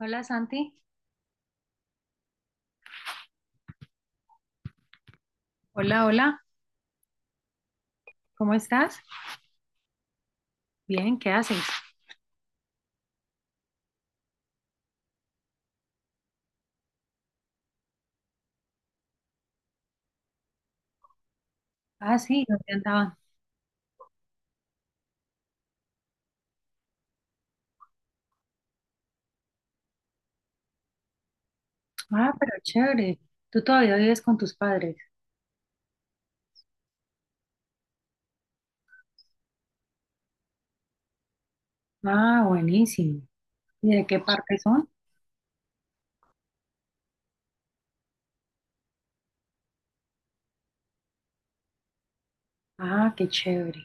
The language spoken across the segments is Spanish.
Hola, Santi. Hola, hola, ¿Cómo estás? Bien, ¿qué haces? Ah, sí, ¿dónde andaban? Ah, pero chévere, tú todavía vives con tus padres. Ah, buenísimo. ¿Y de qué parte son? Ah, qué chévere.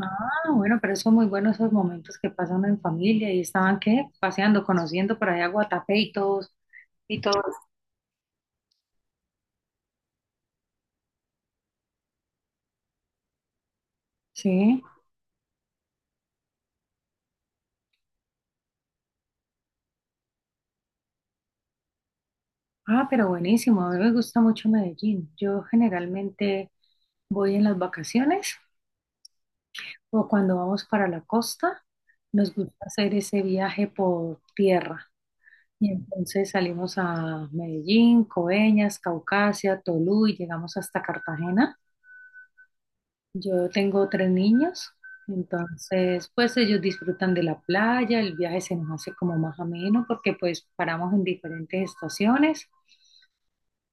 Ah, bueno, pero son muy buenos esos momentos que pasan en familia. Y estaban, ¿qué? Paseando, conociendo por allá Guatapé y todos. Sí. Ah, pero buenísimo, a mí me gusta mucho Medellín. Yo generalmente voy en las vacaciones o cuando vamos para la costa, nos gusta hacer ese viaje por tierra. Y entonces salimos a Medellín, Coveñas, Caucasia, Tolú y llegamos hasta Cartagena. Yo tengo tres niños, entonces pues ellos disfrutan de la playa, el viaje se nos hace como más ameno porque pues paramos en diferentes estaciones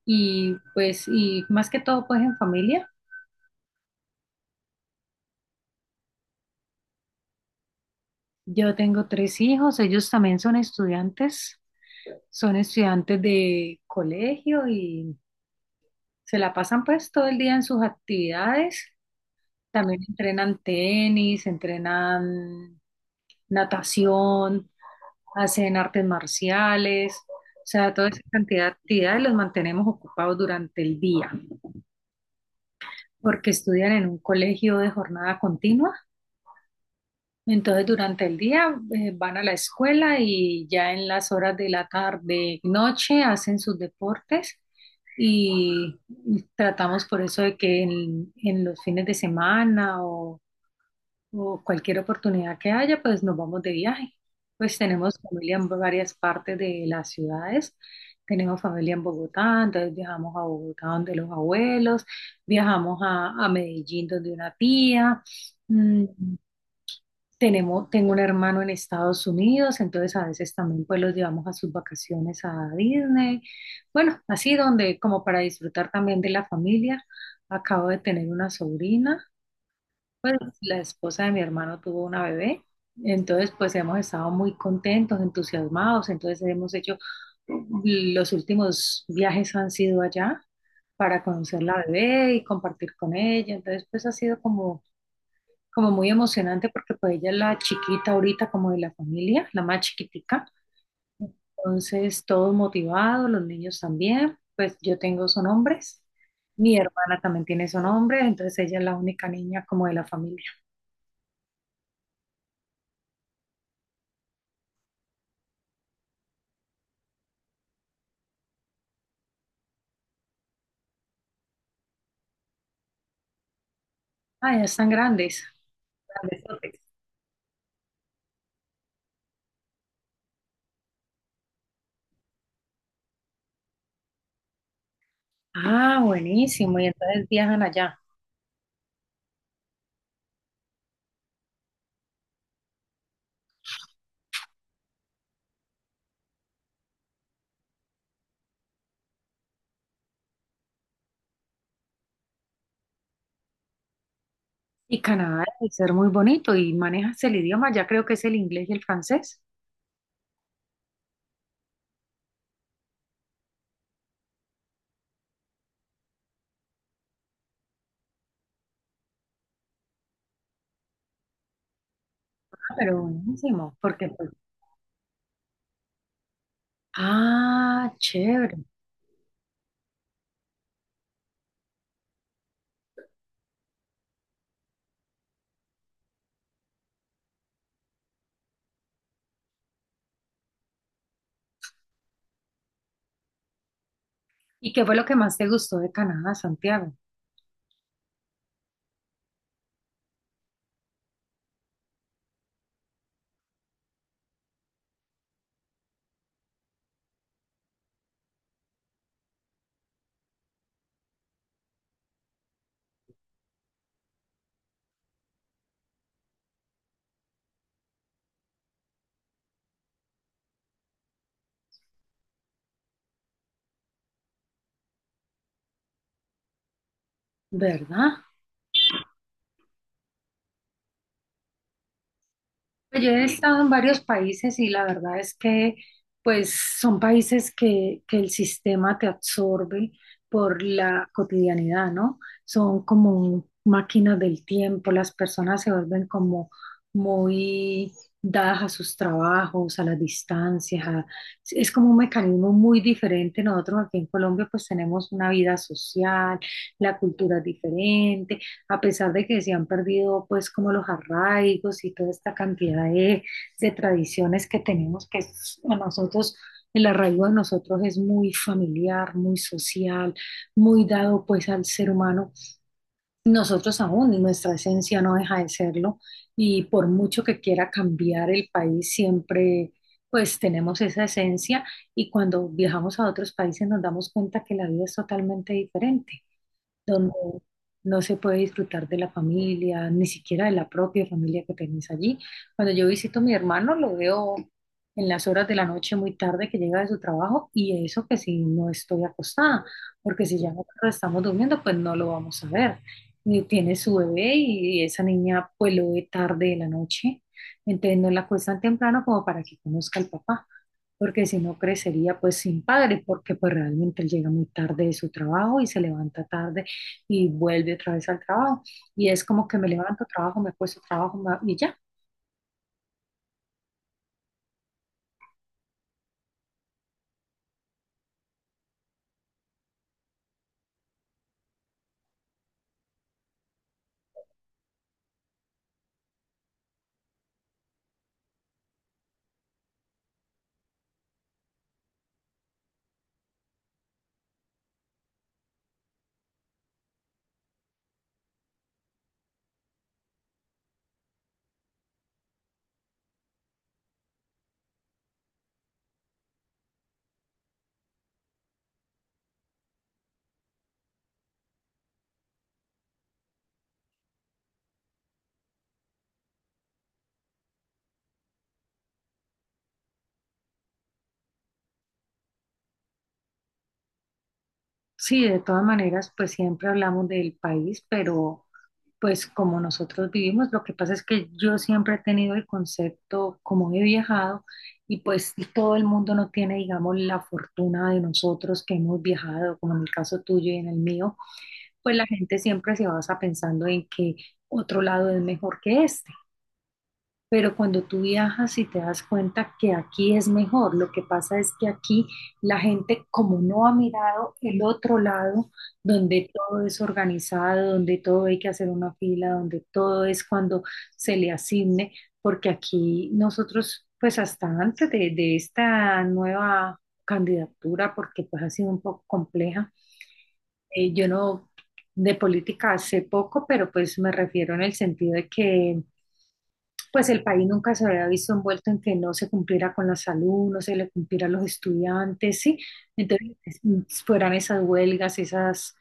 y pues y más que todo pues en familia. Yo tengo tres hijos, ellos también son estudiantes. Son estudiantes de colegio y se la pasan pues todo el día en sus actividades. También entrenan tenis, entrenan natación, hacen artes marciales. O sea, toda esa cantidad de actividades los mantenemos ocupados durante el día, porque estudian en un colegio de jornada continua. Entonces, durante el día van a la escuela y ya en las horas de la tarde, noche, hacen sus deportes y tratamos por eso de que en los fines de semana o cualquier oportunidad que haya, pues nos vamos de viaje. Pues tenemos familia en varias partes de las ciudades. Tenemos familia en Bogotá, entonces viajamos a Bogotá donde los abuelos, viajamos a Medellín donde una tía. Mm, tengo un hermano en Estados Unidos, entonces a veces también pues los llevamos a sus vacaciones a Disney. Bueno, así donde como para disfrutar también de la familia. Acabo de tener una sobrina, pues la esposa de mi hermano tuvo una bebé, entonces pues hemos estado muy contentos, entusiasmados, entonces hemos hecho, los últimos viajes han sido allá para conocer la bebé y compartir con ella, entonces pues ha sido como muy emocionante porque pues ella es la chiquita ahorita como de la familia, la más chiquitica. Entonces todos motivados, los niños también, pues yo tengo son hombres, mi hermana también tiene son hombres, entonces ella es la única niña como de la familia. Ah, ya están grandes, grandesotes. Ah, buenísimo, y entonces viajan allá. Y Canadá debe ser muy bonito y manejas el idioma, ya creo que es el inglés y el francés. Ah, pero buenísimo, porque pues, ah, chévere. ¿Y qué fue lo que más te gustó de Canadá, Santiago? ¿Verdad? Pues yo he estado en varios países y la verdad es que pues son países que el sistema te absorbe por la cotidianidad, ¿no? Son como máquinas del tiempo, las personas se vuelven como muy dadas a sus trabajos, a las distancias, a- es como un mecanismo muy diferente. Nosotros aquí en Colombia pues tenemos una vida social, la cultura es diferente. A pesar de que se han perdido pues como los arraigos y toda esta cantidad de tradiciones que tenemos, que es- a nosotros, el arraigo de nosotros es muy familiar, muy social, muy dado pues al ser humano. Nosotros aún, en nuestra esencia no deja de serlo y por mucho que quiera cambiar el país, siempre pues tenemos esa esencia y cuando viajamos a otros países nos damos cuenta que la vida es totalmente diferente donde no se puede disfrutar de la familia, ni siquiera de la propia familia que tenés allí. Cuando yo visito a mi hermano, lo veo en las horas de la noche muy tarde que llega de su trabajo y eso que si no estoy acostada, porque si ya nosotros estamos durmiendo, pues no lo vamos a ver. Y tiene su bebé y esa niña pues lo ve tarde de la noche, entonces no la acuestan temprano como para que conozca al papá porque si no crecería pues sin padre, porque pues realmente él llega muy tarde de su trabajo y se levanta tarde y vuelve otra vez al trabajo. Y es como que me levanto, trabajo, me puesto trabajo ma- y ya. Sí, de todas maneras, pues siempre hablamos del país, pero pues como nosotros vivimos, lo que pasa es que yo siempre he tenido el concepto, como he viajado, y pues todo el mundo no tiene, digamos, la fortuna de nosotros que hemos viajado, como en el caso tuyo y en el mío, pues la gente siempre se basa pensando en que otro lado es mejor que este. Pero cuando tú viajas y te das cuenta que aquí es mejor, lo que pasa es que aquí la gente como no ha mirado el otro lado, donde todo es organizado, donde todo hay que hacer una fila, donde todo es cuando se le asigne, porque aquí nosotros, pues hasta antes de esta nueva candidatura, porque pues ha sido un poco compleja, yo no de política hace poco, pero pues me refiero en el sentido de que pues el país nunca se había visto envuelto en que no se cumpliera con la salud, no se le cumpliera a los estudiantes, ¿sí? Entonces, es- fueran esas huelgas, esas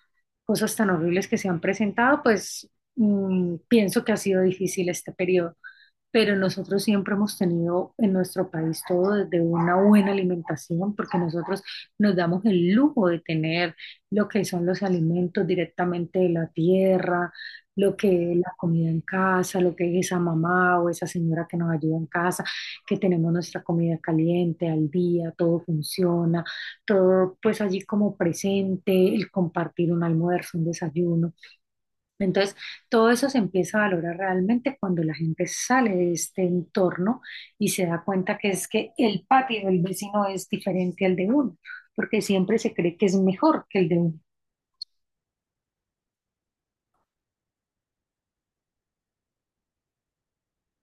cosas tan horribles que se han presentado, pues pienso que ha sido difícil este periodo pero nosotros siempre hemos tenido en nuestro país todo desde una buena alimentación, porque nosotros nos damos el lujo de tener lo que son los alimentos directamente de la tierra, lo que es la comida en casa, lo que es esa mamá o esa señora que nos ayuda en casa, que tenemos nuestra comida caliente al día, todo funciona, todo pues allí como presente, el compartir un almuerzo, un desayuno, entonces, todo eso se empieza a valorar realmente cuando la gente sale de este entorno y se da cuenta que es que el patio del vecino es diferente al de uno, porque siempre se cree que es mejor que el de uno.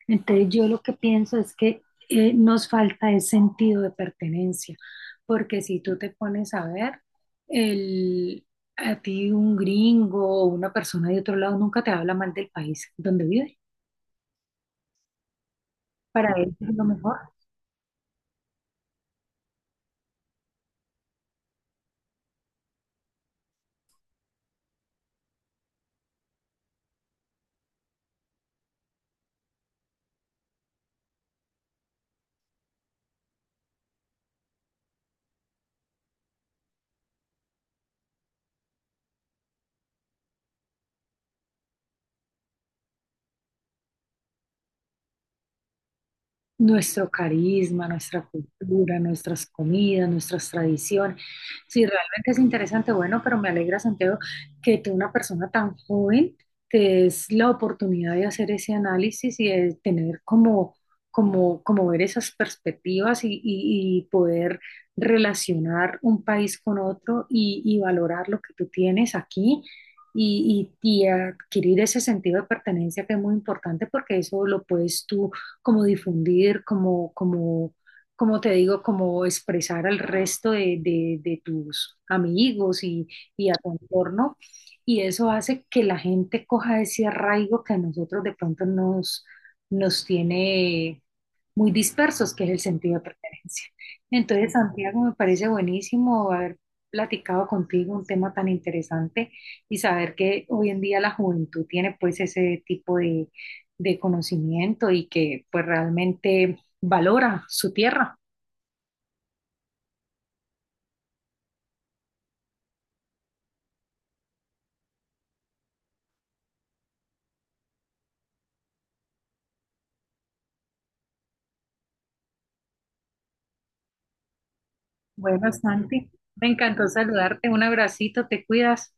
Entonces, yo lo que pienso es que nos falta ese sentido de pertenencia, porque si tú te pones a ver, el, a ti un gringo o una persona de otro lado nunca te habla mal del país donde vive. Para él es lo mejor. Nuestro carisma, nuestra cultura, nuestras comidas, nuestras tradiciones. Sí, realmente es interesante, bueno, pero me alegra, Santiago, que tú, una persona tan joven, te des la oportunidad de hacer ese análisis y de tener como ver esas perspectivas y poder relacionar un país con otro y valorar lo que tú tienes aquí. Y adquirir ese sentido de pertenencia que es muy importante porque eso lo puedes tú como difundir, como te digo, como expresar al resto de tus amigos y a tu entorno. Y eso hace que la gente coja ese arraigo que a nosotros de pronto nos tiene muy dispersos, que es el sentido de pertenencia. Entonces, Santiago, me parece buenísimo haber platicado contigo un tema tan interesante y saber que hoy en día la juventud tiene pues ese tipo de conocimiento y que pues realmente valora su tierra. Bueno, Santi, me encantó saludarte, un abracito, te cuidas.